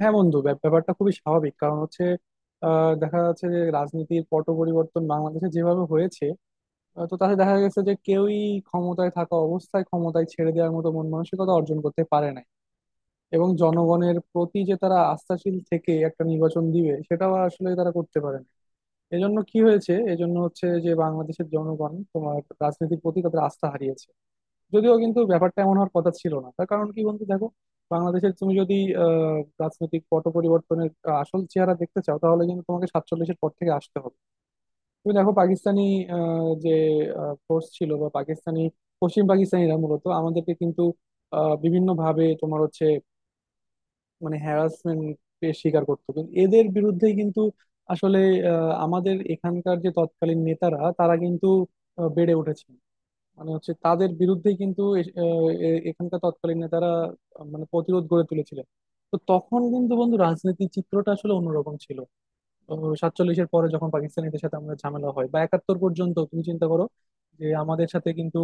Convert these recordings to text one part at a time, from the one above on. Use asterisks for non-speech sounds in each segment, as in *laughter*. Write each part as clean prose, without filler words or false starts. হ্যাঁ বন্ধু, ব্যাপারটা খুবই স্বাভাবিক। কারণ হচ্ছে দেখা যাচ্ছে যে রাজনীতির পট পরিবর্তন বাংলাদেশে যেভাবে হয়েছে, তো তাতে দেখা গেছে যে কেউই ক্ষমতায় থাকা অবস্থায় ক্ষমতায় ছেড়ে দেওয়ার মতো মন মানসিকতা অর্জন করতে পারে নাই। এবং জনগণের প্রতি যে তারা আস্থাশীল থেকে একটা নির্বাচন দিবে সেটাও আসলে তারা করতে পারে না। এজন্য কি হয়েছে? এজন্য হচ্ছে যে বাংলাদেশের জনগণ তোমার রাজনীতির প্রতি তাদের আস্থা হারিয়েছে। যদিও কিন্তু ব্যাপারটা এমন হওয়ার কথা ছিল না। তার কারণ কি বন্ধু দেখো, বাংলাদেশের তুমি যদি আহ, রাজনৈতিক পট পরিবর্তনের আসল চেহারা দেখতে চাও তাহলে কিন্তু তোমাকে সাতচল্লিশের পর থেকে আসতে হবে। তুমি দেখো পাকিস্তানি যে ফোর্স ছিল বা পাকিস্তানি পশ্চিম পাকিস্তানিরা মূলত আমাদেরকে কিন্তু বিভিন্ন ভাবে তোমার হচ্ছে মানে হ্যারাসমেন্ট স্বীকার করতো, কিন্তু এদের বিরুদ্ধেই কিন্তু আসলে আমাদের এখানকার যে তৎকালীন নেতারা তারা কিন্তু বেড়ে উঠেছে। মানে হচ্ছে তাদের বিরুদ্ধেই কিন্তু এখানকার তৎকালীন নেতারা মানে প্রতিরোধ গড়ে তুলেছিলেন। তো তখন কিন্তু বন্ধু রাজনীতির চিত্রটা আসলে অন্যরকম ছিল। সাতচল্লিশের পরে যখন পাকিস্তানিদের সাথে আমাদের ঝামেলা হয় বা একাত্তর পর্যন্ত তুমি চিন্তা করো, যে আমাদের সাথে কিন্তু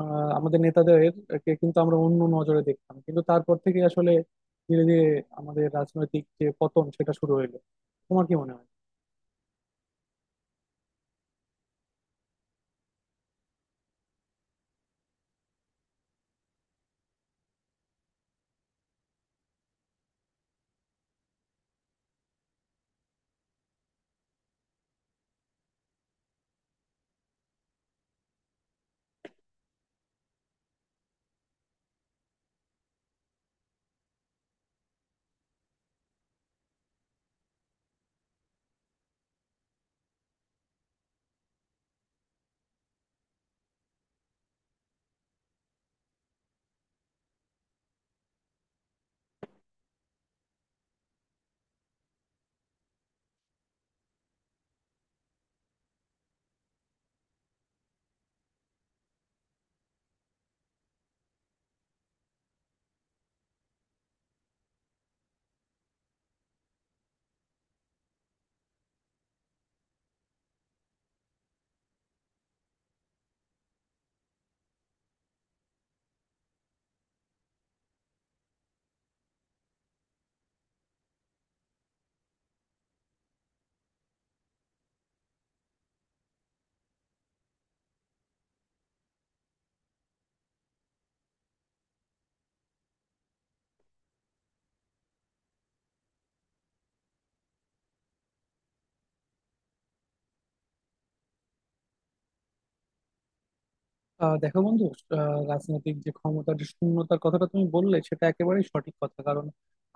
আমাদের নেতাদের কে কিন্তু আমরা অন্য নজরে দেখতাম, কিন্তু তারপর থেকে আসলে ধীরে ধীরে আমাদের রাজনৈতিক যে পতন সেটা শুরু হইলো। তোমার কি মনে হয়? দেখো বন্ধু, রাজনৈতিক যে ক্ষমতার যে শূন্যতার কথাটা তুমি বললে সেটা একেবারেই সঠিক কথা। কারণ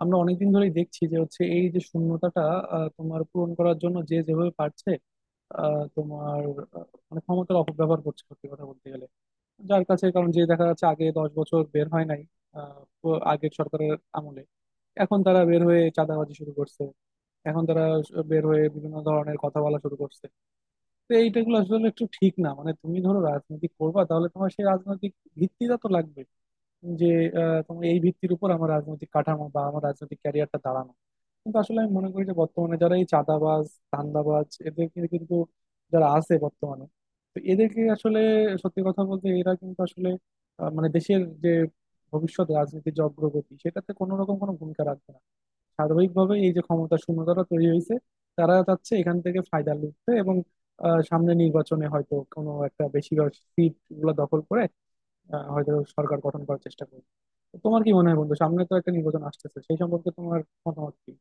আমরা অনেকদিন ধরেই দেখছি যে হচ্ছে এই যে শূন্যতাটা তোমার পূরণ করার জন্য যে যেভাবে পারছে তোমার মানে ক্ষমতার অপব্যবহার করছে সত্যি কথা বলতে গেলে। যার কাছে কারণ যে দেখা যাচ্ছে আগে 10 বছর বের হয় নাই আগের সরকারের আমলে। এখন তারা বের হয়ে চাঁদাবাজি শুরু করছে। এখন তারা বের হয়ে বিভিন্ন ধরনের কথা বলা শুরু করছে। তো এইটাগুলো আসলে একটু ঠিক না। মানে তুমি ধরো রাজনীতি করবা, তাহলে তোমার সেই রাজনৈতিক ভিত্তিটা তো লাগবে, যে তোমার এই ভিত্তির উপর আমার রাজনৈতিক কাঠামো বা আমার রাজনৈতিক ক্যারিয়ারটা দাঁড়ানো। কিন্তু আসলে আমি মনে করি যে বর্তমানে যারা এই চাঁদাবাজ ধান্দাবাজ এদেরকে কিন্তু যারা আছে বর্তমানে, তো এদেরকে আসলে সত্যি কথা বলতে এরা কিন্তু আসলে মানে দেশের যে ভবিষ্যৎ রাজনীতির যে অগ্রগতি সেটাতে কোনো রকম কোনো ভূমিকা রাখবে না। সার্বিকভাবে এই যে ক্ষমতা শূন্যতাটা তৈরি হয়েছে, তারা চাচ্ছে এখান থেকে ফায়দা লুটতে এবং সামনে নির্বাচনে হয়তো কোনো একটা বেশিরভাগ সিট গুলো দখল করে হয়তো সরকার গঠন করার চেষ্টা করবে। তো তোমার কি মনে হয় বন্ধু, সামনে তো একটা নির্বাচন আসতেছে সেই সম্পর্কে তোমার মতামত কি?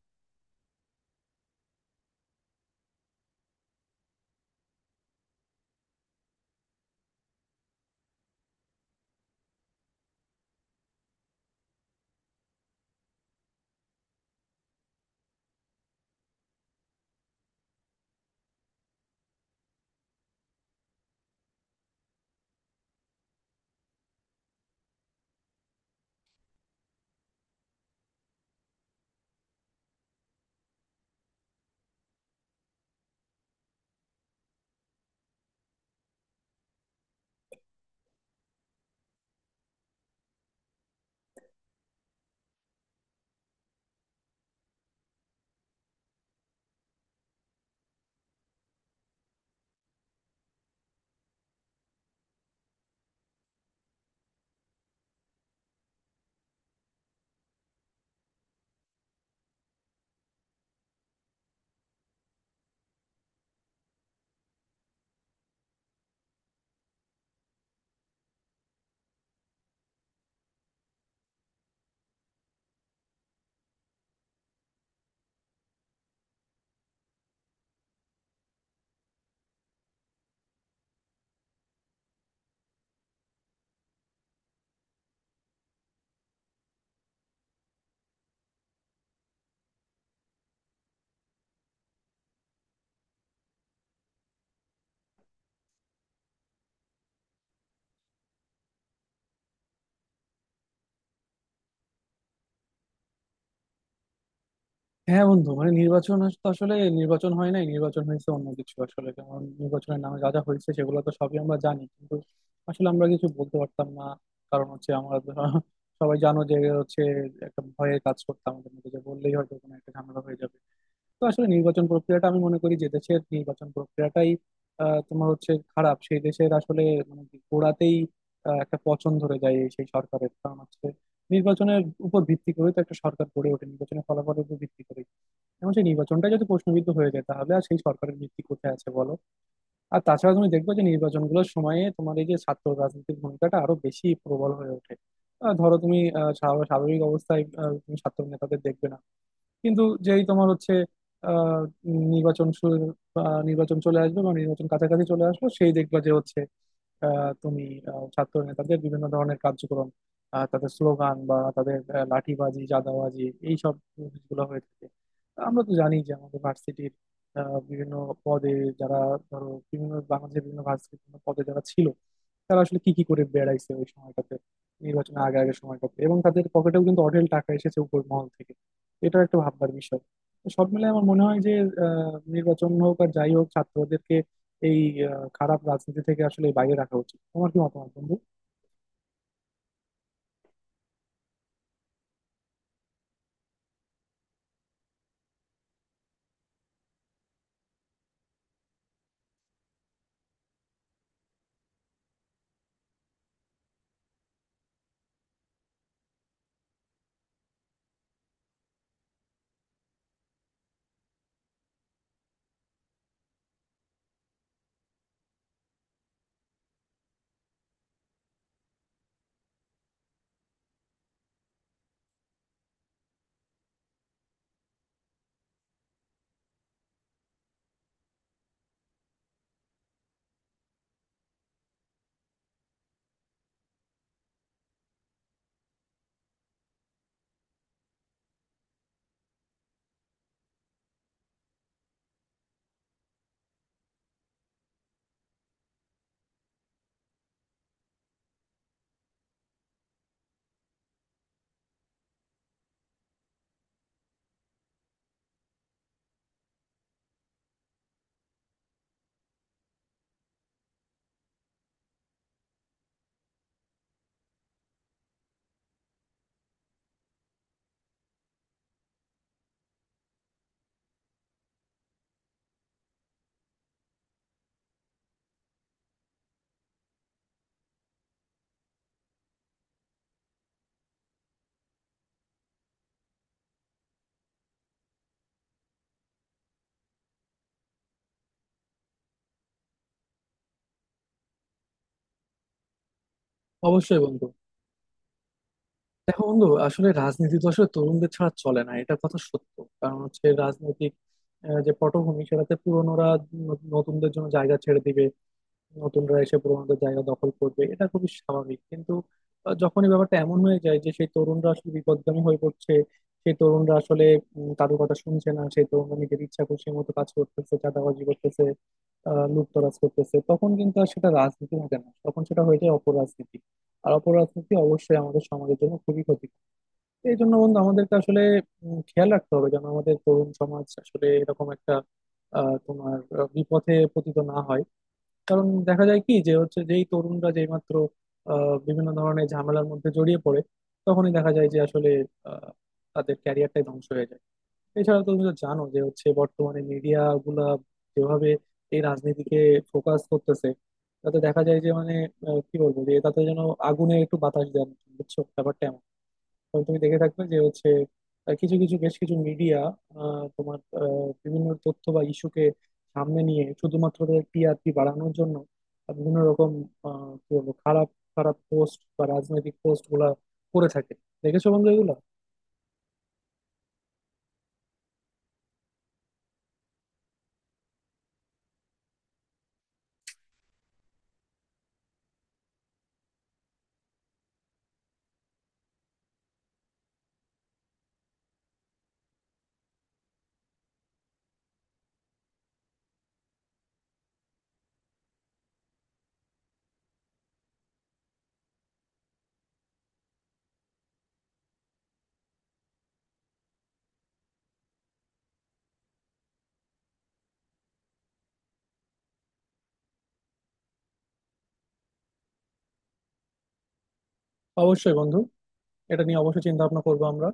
হ্যাঁ বন্ধু, মানে নির্বাচন তো আসলে নির্বাচন হয় নাই, নির্বাচন হয়েছে অন্য কিছু আসলে। কারণ নির্বাচনের নামে যা যা হয়েছে সেগুলো তো সবই আমরা জানি, কিন্তু আসলে আমরা কিছু বলতে পারতাম না। কারণ হচ্ছে আমরা তো *laughs* সবাই জানো যে হচ্ছে একটা ভয়ের কাজ করতাম আমাদের মধ্যে, যে বললেই হয়তো কোনো একটা ঝামেলা হয়ে যাবে। তো আসলে নির্বাচন প্রক্রিয়াটা আমি মনে করি যে দেশের নির্বাচন প্রক্রিয়াটাই তোমার হচ্ছে খারাপ, সেই দেশের আসলে মানে কি গোড়াতেই একটা পছন্দ ধরে যায় এই সেই সরকারের। কারণ হচ্ছে নির্বাচনের উপর ভিত্তি করে তো একটা সরকার গড়ে ওঠে, নির্বাচনের ফলাফলের উপর ভিত্তি করে। এবং সেই নির্বাচনটা যদি প্রশ্নবিদ্ধ হয়ে যায় তাহলে আর সেই সরকারের ভিত্তি কোথায় আছে বলো? আর তাছাড়া তুমি দেখবে যে নির্বাচনগুলোর সময়ে তোমার এই যে ছাত্র রাজনীতির ভূমিকাটা আরো বেশি প্রবল হয়ে ওঠে। ধরো তুমি স্বাভাবিক অবস্থায় তুমি ছাত্র নেতাদের দেখবে না। কিন্তু যেই তোমার হচ্ছে আহ, নির্বাচন শুরু বা নির্বাচন চলে আসবে বা নির্বাচন কাছাকাছি চলে আসবে সেই দেখবা যে হচ্ছে তুমি ছাত্র নেতাদের বিভিন্ন ধরনের কার্যক্রম, তাদের স্লোগান বা তাদের লাঠিবাজি জাদাবাজি এইসব জিনিসগুলো হয়ে থাকে। আমরা তো জানি যে আমাদের ভার্সিটির বিভিন্ন পদে যারা ধরো বিভিন্ন বাংলাদেশের বিভিন্ন ভার্সিটির বিভিন্ন পদে যারা ছিল, তারা আসলে কি কি করে বেড়াইছে ওই সময়টাতে, নির্বাচনের আগে আগে সময়টাতে। এবং তাদের পকেটেও কিন্তু অঢেল টাকা এসেছে উপর মহল থেকে। এটা একটা ভাবনার বিষয়। তো সব মিলে আমার মনে হয় যে নির্বাচন হোক আর যাই হোক ছাত্রদেরকে এই খারাপ রাজনীতি থেকে আসলে বাইরে রাখা উচিত। তোমার কি মতামত বন্ধু? অবশ্যই বন্ধু। দেখো বন্ধু, আসলে রাজনীতি তো আসলে তরুণদের ছাড়া চলে না, এটা কথা সত্য। কারণ হচ্ছে রাজনৈতিক যে পটভূমি সেটাতে পুরনোরা নতুনদের জন্য জায়গা ছেড়ে দিবে, নতুনরা এসে পুরোনোদের জায়গা দখল করবে এটা খুবই স্বাভাবিক। কিন্তু যখন এই ব্যাপারটা এমন হয়ে যায় যে সেই তরুণরা আসলে বিপথগামী হয়ে পড়ছে, সেই তরুণরা আসলে কারোর কথা শুনছে না, সেই তরুণরা নিজের ইচ্ছা খুশি মতো কাজ করতেছে, চাঁদাবাজি করতেছে, লুটতরাজ করতেছে, তখন কিন্তু আর সেটা রাজনীতি থাকে না, তখন সেটা হয়ে যায় অপরাজনীতি। আর অপরাজনীতি অবশ্যই আমাদের সমাজের জন্য খুবই ক্ষতি। এই জন্য বন্ধু আমাদেরকে আসলে খেয়াল রাখতে হবে যেন আমাদের তরুণ সমাজ আসলে এরকম একটা তোমার বিপথে পতিত না হয়। কারণ দেখা যায় কি যে হচ্ছে যেই তরুণরা যেই মাত্র বিভিন্ন ধরনের ঝামেলার মধ্যে জড়িয়ে পড়ে তখনই দেখা যায় যে আসলে আহ, তাদের ক্যারিয়ারটাই ধ্বংস হয়ে যায়। এছাড়া তুমি তো জানো যে হচ্ছে বর্তমানে মিডিয়া গুলা যেভাবে এই রাজনীতিকে ফোকাস করতেছে, তাতে দেখা যায় যে মানে কি বলবো, যে তাতে যেন আগুনে একটু বাতাস দেন। বুঝছো ব্যাপারটা এমন। তবে তুমি দেখে থাকবে যে হচ্ছে কিছু কিছু বেশ কিছু মিডিয়া তোমার বিভিন্ন তথ্য বা ইস্যুকে সামনে নিয়ে শুধুমাত্র TRP বাড়ানোর জন্য বিভিন্ন রকম কি বলবো, খারাপ খারাপ পোস্ট বা রাজনৈতিক পোস্ট গুলা করে থাকে। দেখেছো বন্ধু এগুলো? অবশ্যই বন্ধু। এটা নিয়ে অবশ্যই চিন্তা ভাবনা করবো আমরা।